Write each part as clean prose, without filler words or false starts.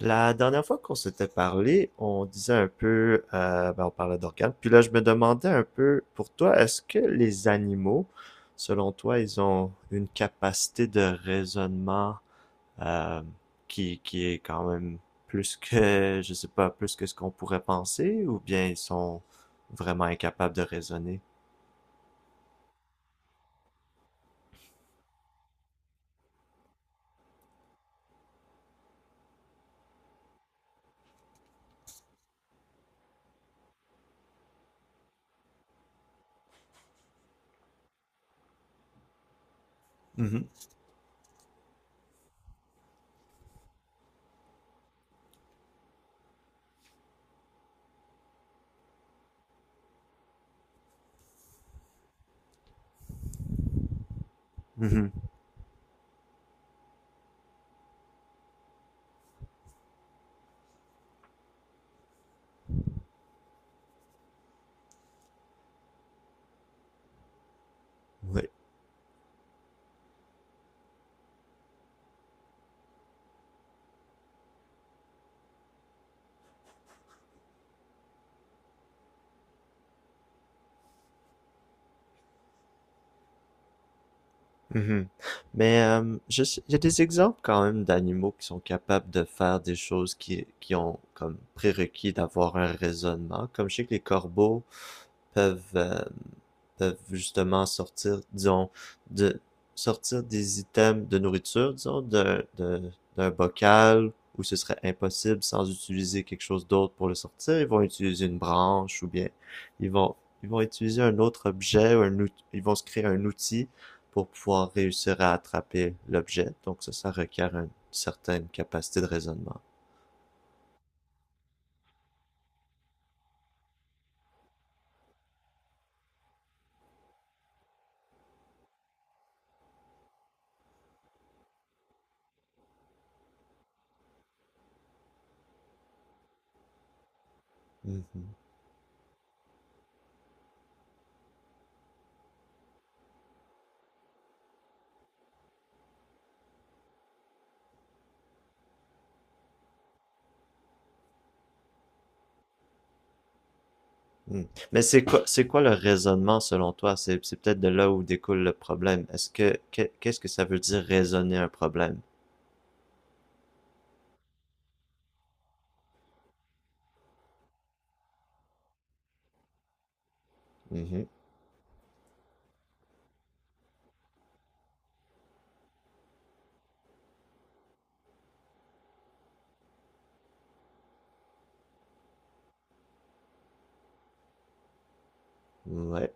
La dernière fois qu'on s'était parlé, on disait un peu, on parlait d'organes. Puis là, je me demandais un peu, pour toi, est-ce que les animaux, selon toi, ils ont une capacité de raisonnement euh, qui est quand même plus que, je sais pas, plus que ce qu'on pourrait penser, ou bien ils sont vraiment incapables de raisonner? Mhm. Mhm. Oui. Mhm. Mais il y a des exemples quand même d'animaux qui sont capables de faire des choses qui ont comme prérequis d'avoir un raisonnement. Comme je sais que les corbeaux peuvent, peuvent justement sortir, disons, de sortir des items de nourriture, disons, d'un bocal où ce serait impossible sans utiliser quelque chose d'autre pour le sortir. Ils vont utiliser une branche ou bien ils vont ils vont utiliser un autre objet ou ils vont se créer un outil pour pouvoir réussir à attraper l'objet. Donc ça requiert une certaine capacité de raisonnement. Mhm. Hmm. Mais c'est quoi le raisonnement selon toi? C'est peut-être de là où découle le problème. Qu'est-ce que ça veut dire raisonner un problème? Mhm. Ouais.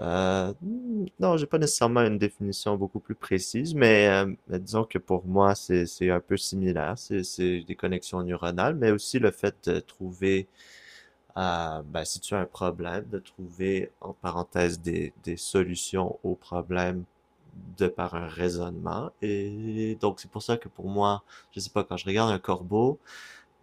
Non, j'ai pas nécessairement une définition beaucoup plus précise, mais disons que pour moi, c'est un peu similaire. C'est des connexions neuronales, mais aussi le fait de trouver à, ben, si tu as un problème, de trouver, en parenthèse, des solutions au problème de par un raisonnement. Et donc, c'est pour ça que pour moi, je sais pas, quand je regarde un corbeau,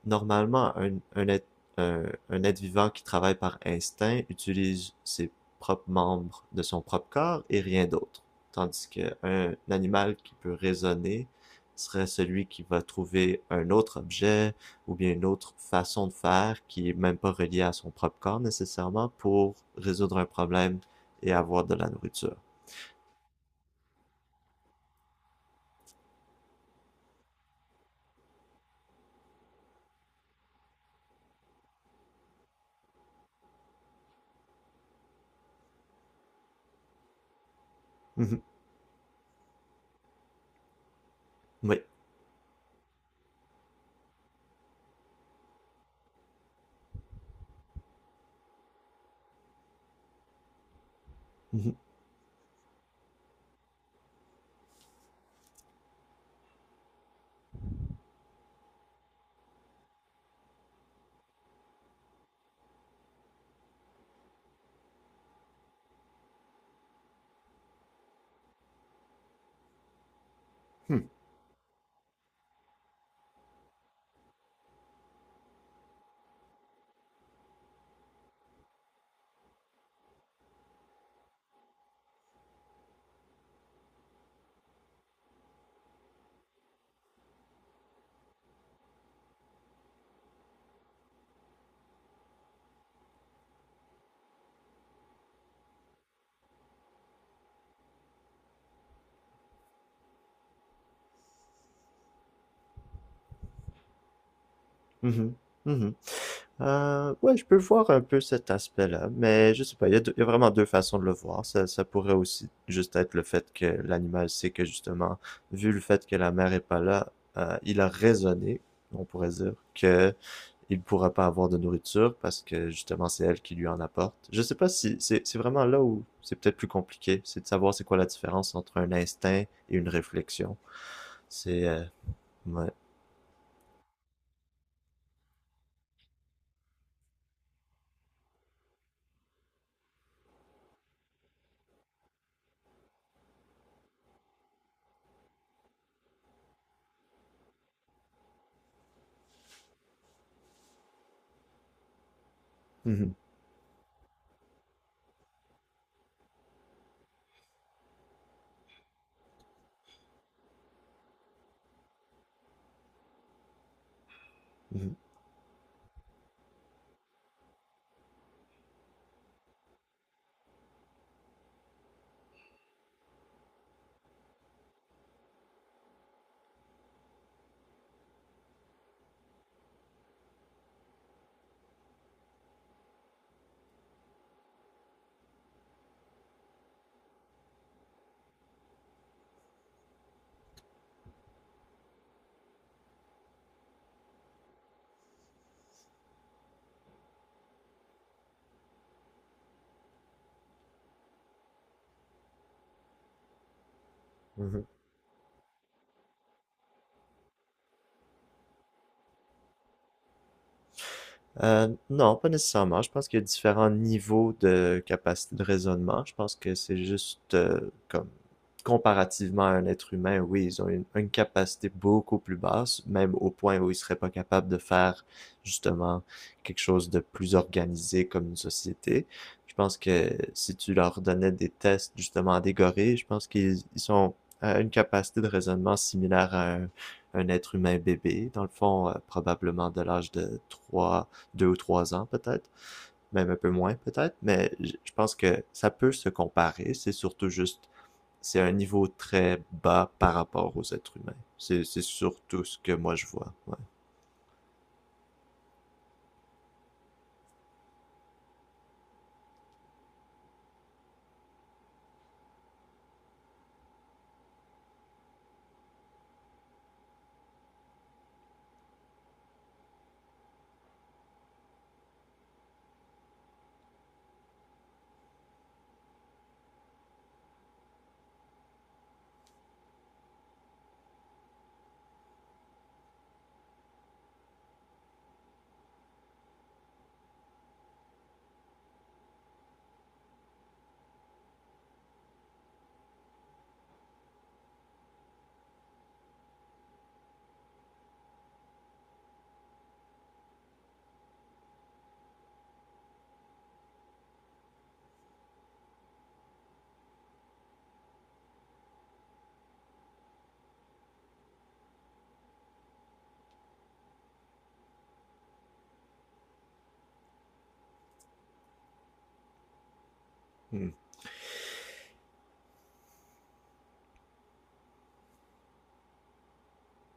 normalement, un être un un être vivant qui travaille par instinct utilise ses propres membres de son propre corps et rien d'autre, tandis que un animal qui peut raisonner serait celui qui va trouver un autre objet ou bien une autre façon de faire qui est même pas reliée à son propre corps nécessairement pour résoudre un problème et avoir de la nourriture. Mhm. Oui. Mhm. Mhm. Mhm. Mhm. Ouais, je peux voir un peu cet aspect-là, mais je sais pas, il y a, il y a vraiment deux façons de le voir. Ça pourrait aussi juste être le fait que l'animal sait que justement, vu le fait que la mère est pas là, il a raisonné, on pourrait dire, que il pourra pas avoir de nourriture parce que justement c'est elle qui lui en apporte. Je sais pas si c'est vraiment là où c'est peut-être plus compliqué, c'est de savoir c'est quoi la différence entre un instinct et une réflexion. C'est ouais. Mhm. Mhm. Mhm. Non, pas nécessairement. Je pense qu'il y a différents niveaux de capacité de raisonnement. Je pense que c'est juste comme comparativement à un être humain, oui, ils ont une capacité beaucoup plus basse, même au point où ils seraient pas capables de faire justement quelque chose de plus organisé comme une société. Je pense que si tu leur donnais des tests justement à des gorilles, je pense qu'ils sont à une capacité de raisonnement similaire à un être humain bébé, dans le fond, probablement de l'âge de 3 deux ou trois ans peut-être, même un peu moins peut-être, mais je pense que ça peut se comparer. C'est surtout juste, c'est un niveau très bas par rapport aux êtres humains. C'est surtout ce que moi je vois. Ouais. Mm.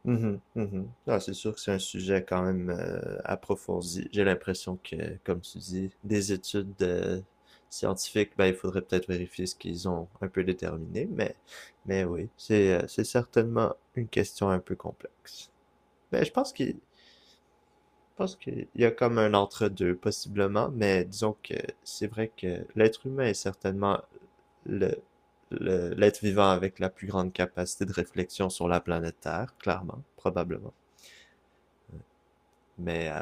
Mm -hmm, mm -hmm. C'est sûr que c'est un sujet quand même approfondi. J'ai l'impression que, comme tu dis, des études scientifiques, ben, il faudrait peut-être vérifier ce qu'ils ont un peu déterminé, mais oui, c'est certainement une question un peu complexe. Mais je pense qu'il Je pense qu'il y a comme un entre-deux, possiblement, mais disons que c'est vrai que l'être humain est certainement le, l'être vivant avec la plus grande capacité de réflexion sur la planète Terre, clairement, probablement. Mais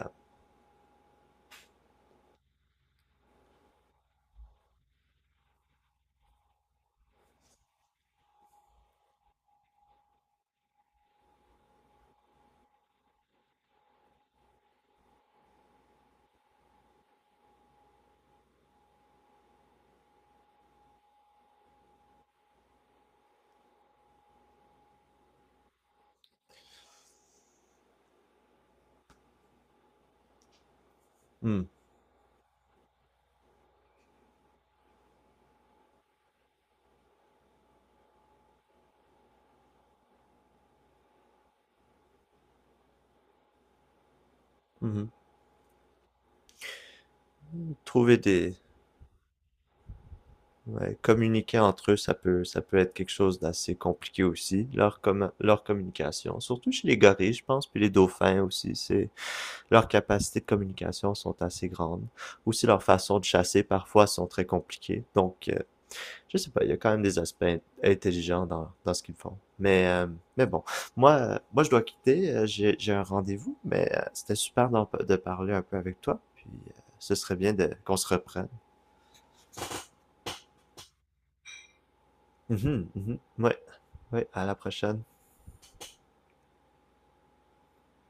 hmm, mhm. Trouver des... ouais, communiquer entre eux, ça peut être quelque chose d'assez compliqué aussi, leur, leur communication. Surtout chez les gorilles, je pense, puis les dauphins aussi, c'est... Leurs capacités de communication sont assez grandes. Aussi, leurs façons de chasser parfois sont très compliquées. Donc, je sais pas, il y a quand même des aspects intelligents dans, dans ce qu'ils font. Mais bon, moi, je dois quitter. J'ai un rendez-vous, mais c'était super de parler un peu avec toi. Puis, ce serait bien de, qu'on se reprenne. Mhm, mhm. Ouais, ouais, à la prochaine.